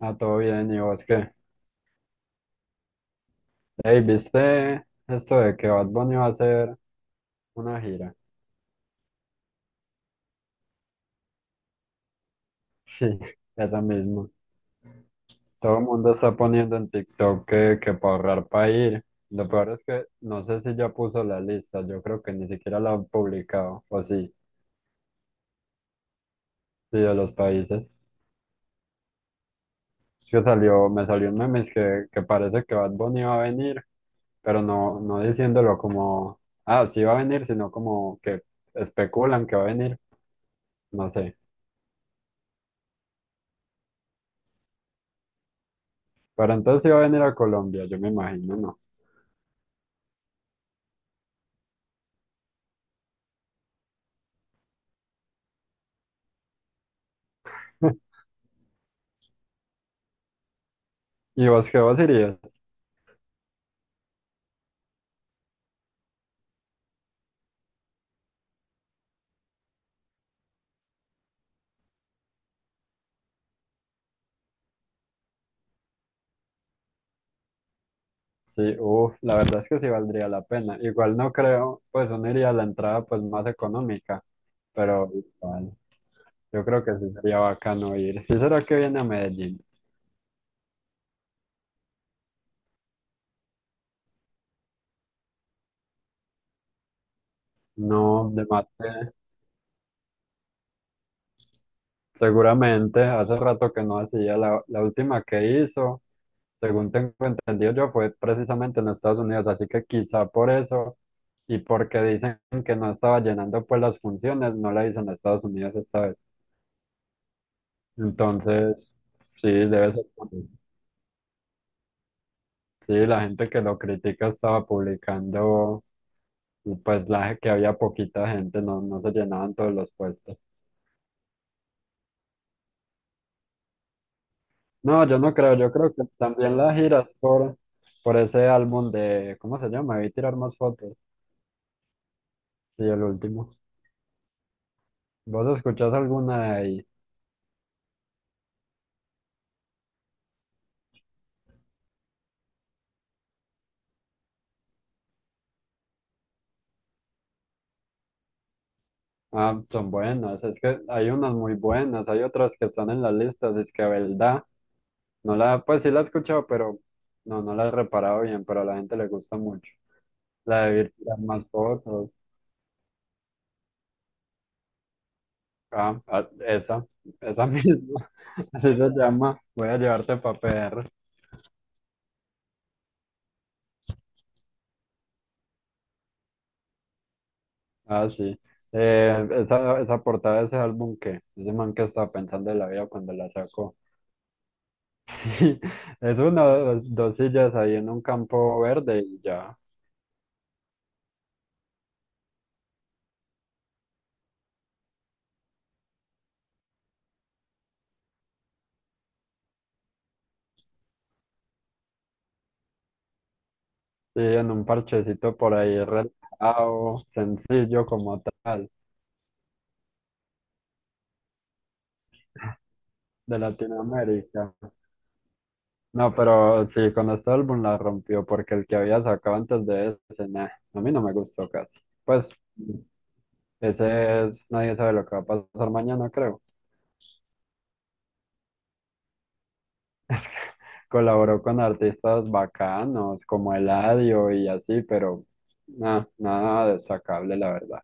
Ah, todo bien, ¿y vos qué? Ey, ¿viste esto de que Bad Bunny va a hacer una gira? Sí, eso mismo. Todo el mundo está poniendo en TikTok que para ahorrar para ir. Lo peor es que no sé si ya puso la lista, yo creo que ni siquiera la han publicado, o sí, sí, de los países. Es que salió, me salió un meme es que parece que Bad Bunny va a venir, pero no diciéndolo como, ah, sí va a venir, sino como que especulan que va a venir, no sé. Pero entonces iba a venir a Colombia, yo me imagino, ¿no? ¿Y vos qué vos irías? Sí, uff, la verdad es que sí valdría la pena. Igual no creo, pues uno iría a la entrada pues más económica, pero igual, yo creo que sí sería bacano ir. ¿Sí será que viene a Medellín? No, de mate. Seguramente, hace rato que no hacía. La última que hizo, según tengo entendido yo, fue precisamente en Estados Unidos, así que quizá por eso y porque dicen que no estaba llenando pues las funciones, no la hizo en Estados Unidos esta vez. Entonces, sí, debe ser por eso. Sí, la gente que lo critica estaba publicando, y, pues la que había poquita gente, no se llenaban todos los puestos. No, yo no creo, yo creo que también la giras por ese álbum de, ¿cómo se llama? Vi tirar más fotos. Sí, el último. ¿Vos escuchás alguna y ah, son buenas? Es que hay unas muy buenas, hay otras que están en las listas, es que verdad. No la, pues sí la he escuchado, pero no la he reparado bien, pero a la gente le gusta mucho. La de Vi tirar más fotos. Ah, ah, esa misma. Así se llama. Voy a llevarte papel. Ah, sí. Esa, esa portada de ese álbum que ese man que estaba pensando en la vida cuando la sacó. Es una, dos, dos sillas ahí en un campo verde y ya. Sí, en un parchecito por ahí relajado, sencillo como tal, de Latinoamérica. No, pero sí, con este álbum la rompió porque el que había sacado antes de ese, nah, a mí no me gustó casi. Pues ese es, nadie sabe lo que va a pasar mañana, creo. Colaboró con artistas bacanos como Eladio y así, pero nada, nada destacable, la verdad.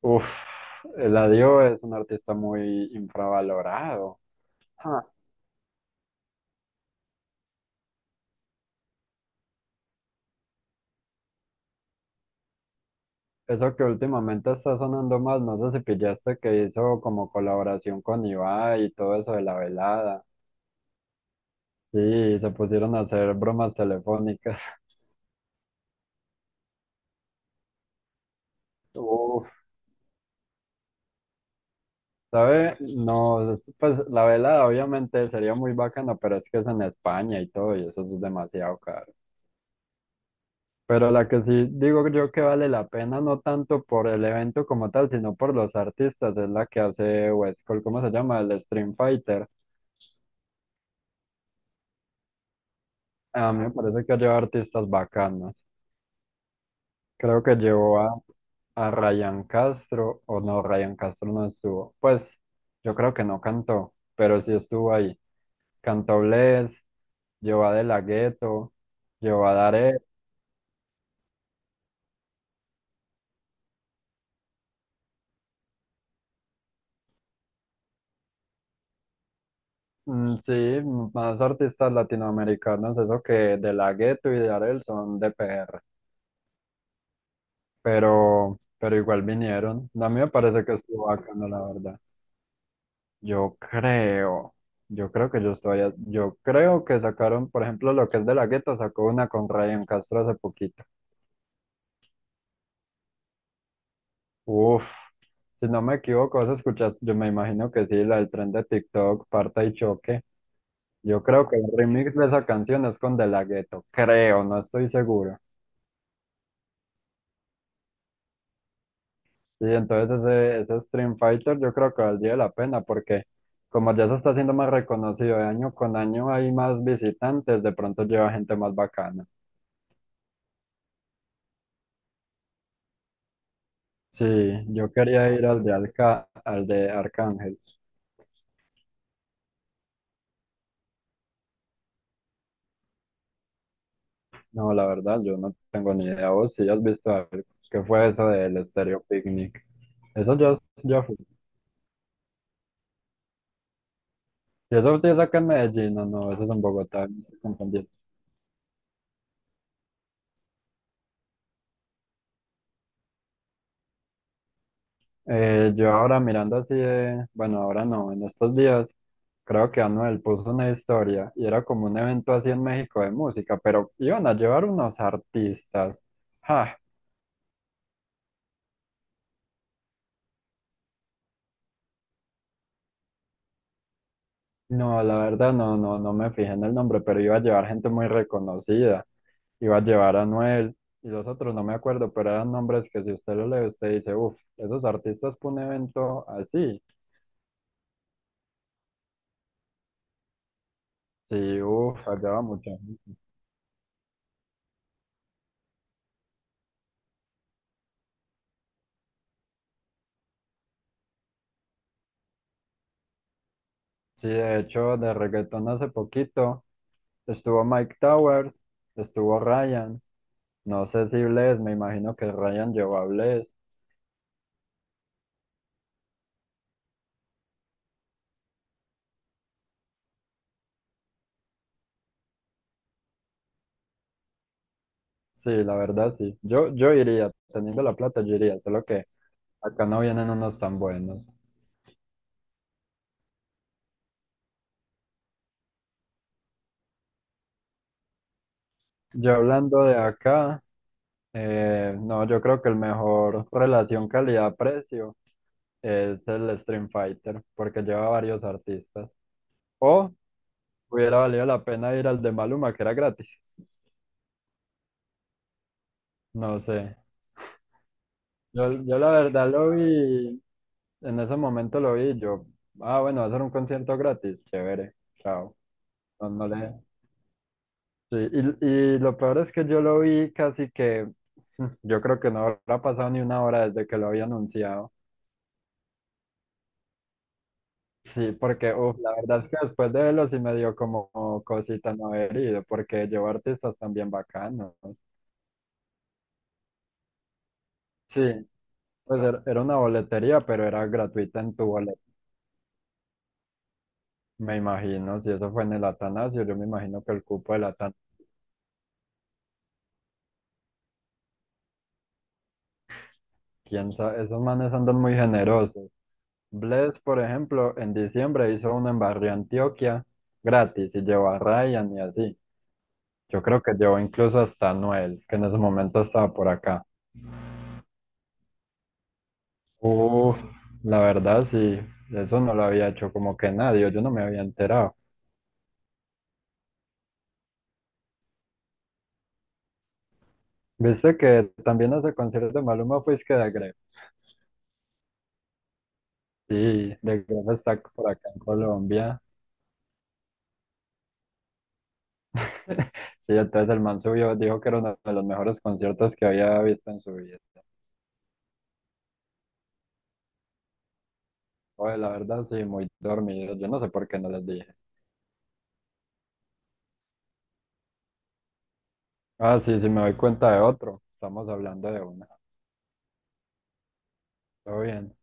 Uf, Eladio es un artista muy infravalorado. Ah, eso que últimamente está sonando más, no sé si pillaste que hizo como colaboración con Ibai y todo eso de la velada. Sí, se pusieron a hacer bromas telefónicas. Uf, ¿sabe? No, pues la velada obviamente sería muy bacana, pero es que es en España y todo, y eso es demasiado caro. Pero la que sí digo yo que vale la pena, no tanto por el evento como tal, sino por los artistas, es la que hace West Cole, ¿cómo se llama? El Stream Fighter. A mí me parece que lleva artistas bacanos. Creo que llevó a Ryan Castro, o no, Ryan Castro no estuvo. Pues yo creo que no cantó, pero sí estuvo ahí. Cantó Bless, llevó a De La Ghetto, llevó a Daré. Mm, sí, más artistas latinoamericanos, eso que De La Ghetto y Daré son de PR. Pero igual vinieron. A mí me parece que estuvo bacano, la verdad. Yo creo, yo creo que yo estoy, yo creo que sacaron, por ejemplo, lo que es de la gueto, sacó una con Ryan Castro hace poquito. Uf, si no me equivoco, vas a escuchar, yo me imagino que sí, la del tren de TikTok, Parta y Choque. Yo creo que el remix de esa canción es con De La Ghetto, creo, no estoy seguro. Sí, entonces ese Stream Fighter yo creo que valdría la pena porque como ya se está haciendo más reconocido de año con año hay más visitantes, de pronto lleva gente más bacana. Sí, yo quería ir al de Alca, al de Arcángel. No, la verdad, yo no tengo ni idea. Vos si has visto algo. ¿Qué fue eso del Stereo Picnic? Eso ya, ya fue. Y eso sí es acá en Medellín, no, no, eso es en Bogotá, me estoy confundiendo. Yo ahora mirando así de, bueno, ahora no, en estos días creo que Anuel puso una historia y era como un evento así en México de música, pero iban a llevar unos artistas. Ja, no, la verdad no me fijé en el nombre, pero iba a llevar gente muy reconocida. Iba a llevar a Anuel y los otros no me acuerdo, pero eran nombres que si usted lo lee, usted dice, uff, esos artistas para un evento así. Sí, uff, allá va mucha gente. Sí, de hecho, de reggaetón hace poquito estuvo Mike Towers, estuvo Ryan. No sé si Blaze, me imagino que Ryan llevó a Blaze. Sí, la verdad sí. Yo iría, teniendo la plata, yo iría, solo que acá no vienen unos tan buenos. Yo hablando de acá, no, yo creo que el mejor relación calidad-precio es el Stream Fighter, porque lleva varios artistas. O hubiera valido la pena ir al de Maluma, que era gratis. No sé. Yo la verdad lo vi, en ese momento lo vi, y yo, ah, bueno, va a ser un concierto gratis, chévere, chao. No, no le... Sí, y lo peor es que yo lo vi casi que, yo creo que no habrá pasado ni una hora desde que lo había anunciado. Sí, porque uf, la verdad es que después de verlo sí me dio como cosita no haber ido, porque llevo artistas también bacanos. Sí, pues era una boletería, pero era gratuita en tu boleto, me imagino. Si eso fue en el Atanasio, yo me imagino que el cupo del Atanasio, quién sabe, esos manes andan muy generosos. Bless, por ejemplo, en diciembre hizo una en Barrio Antioquia gratis y llevó a Ryan y así. Yo creo que llevó incluso hasta a Noel, que en ese momento estaba por acá. Uf, la verdad sí, eso no lo había hecho como que nadie, yo no me había enterado. ¿Viste que también hace conciertos de Maluma fuiste que de Gref? Sí, de Gref está por acá en Colombia. Sí, entonces el man subió, dijo que era uno de los mejores conciertos que había visto en su vida. Oye, la verdad sí, muy dormido, yo no sé por qué no les dije. Ah, sí, si me doy cuenta de otro. Estamos hablando de una. Todo bien.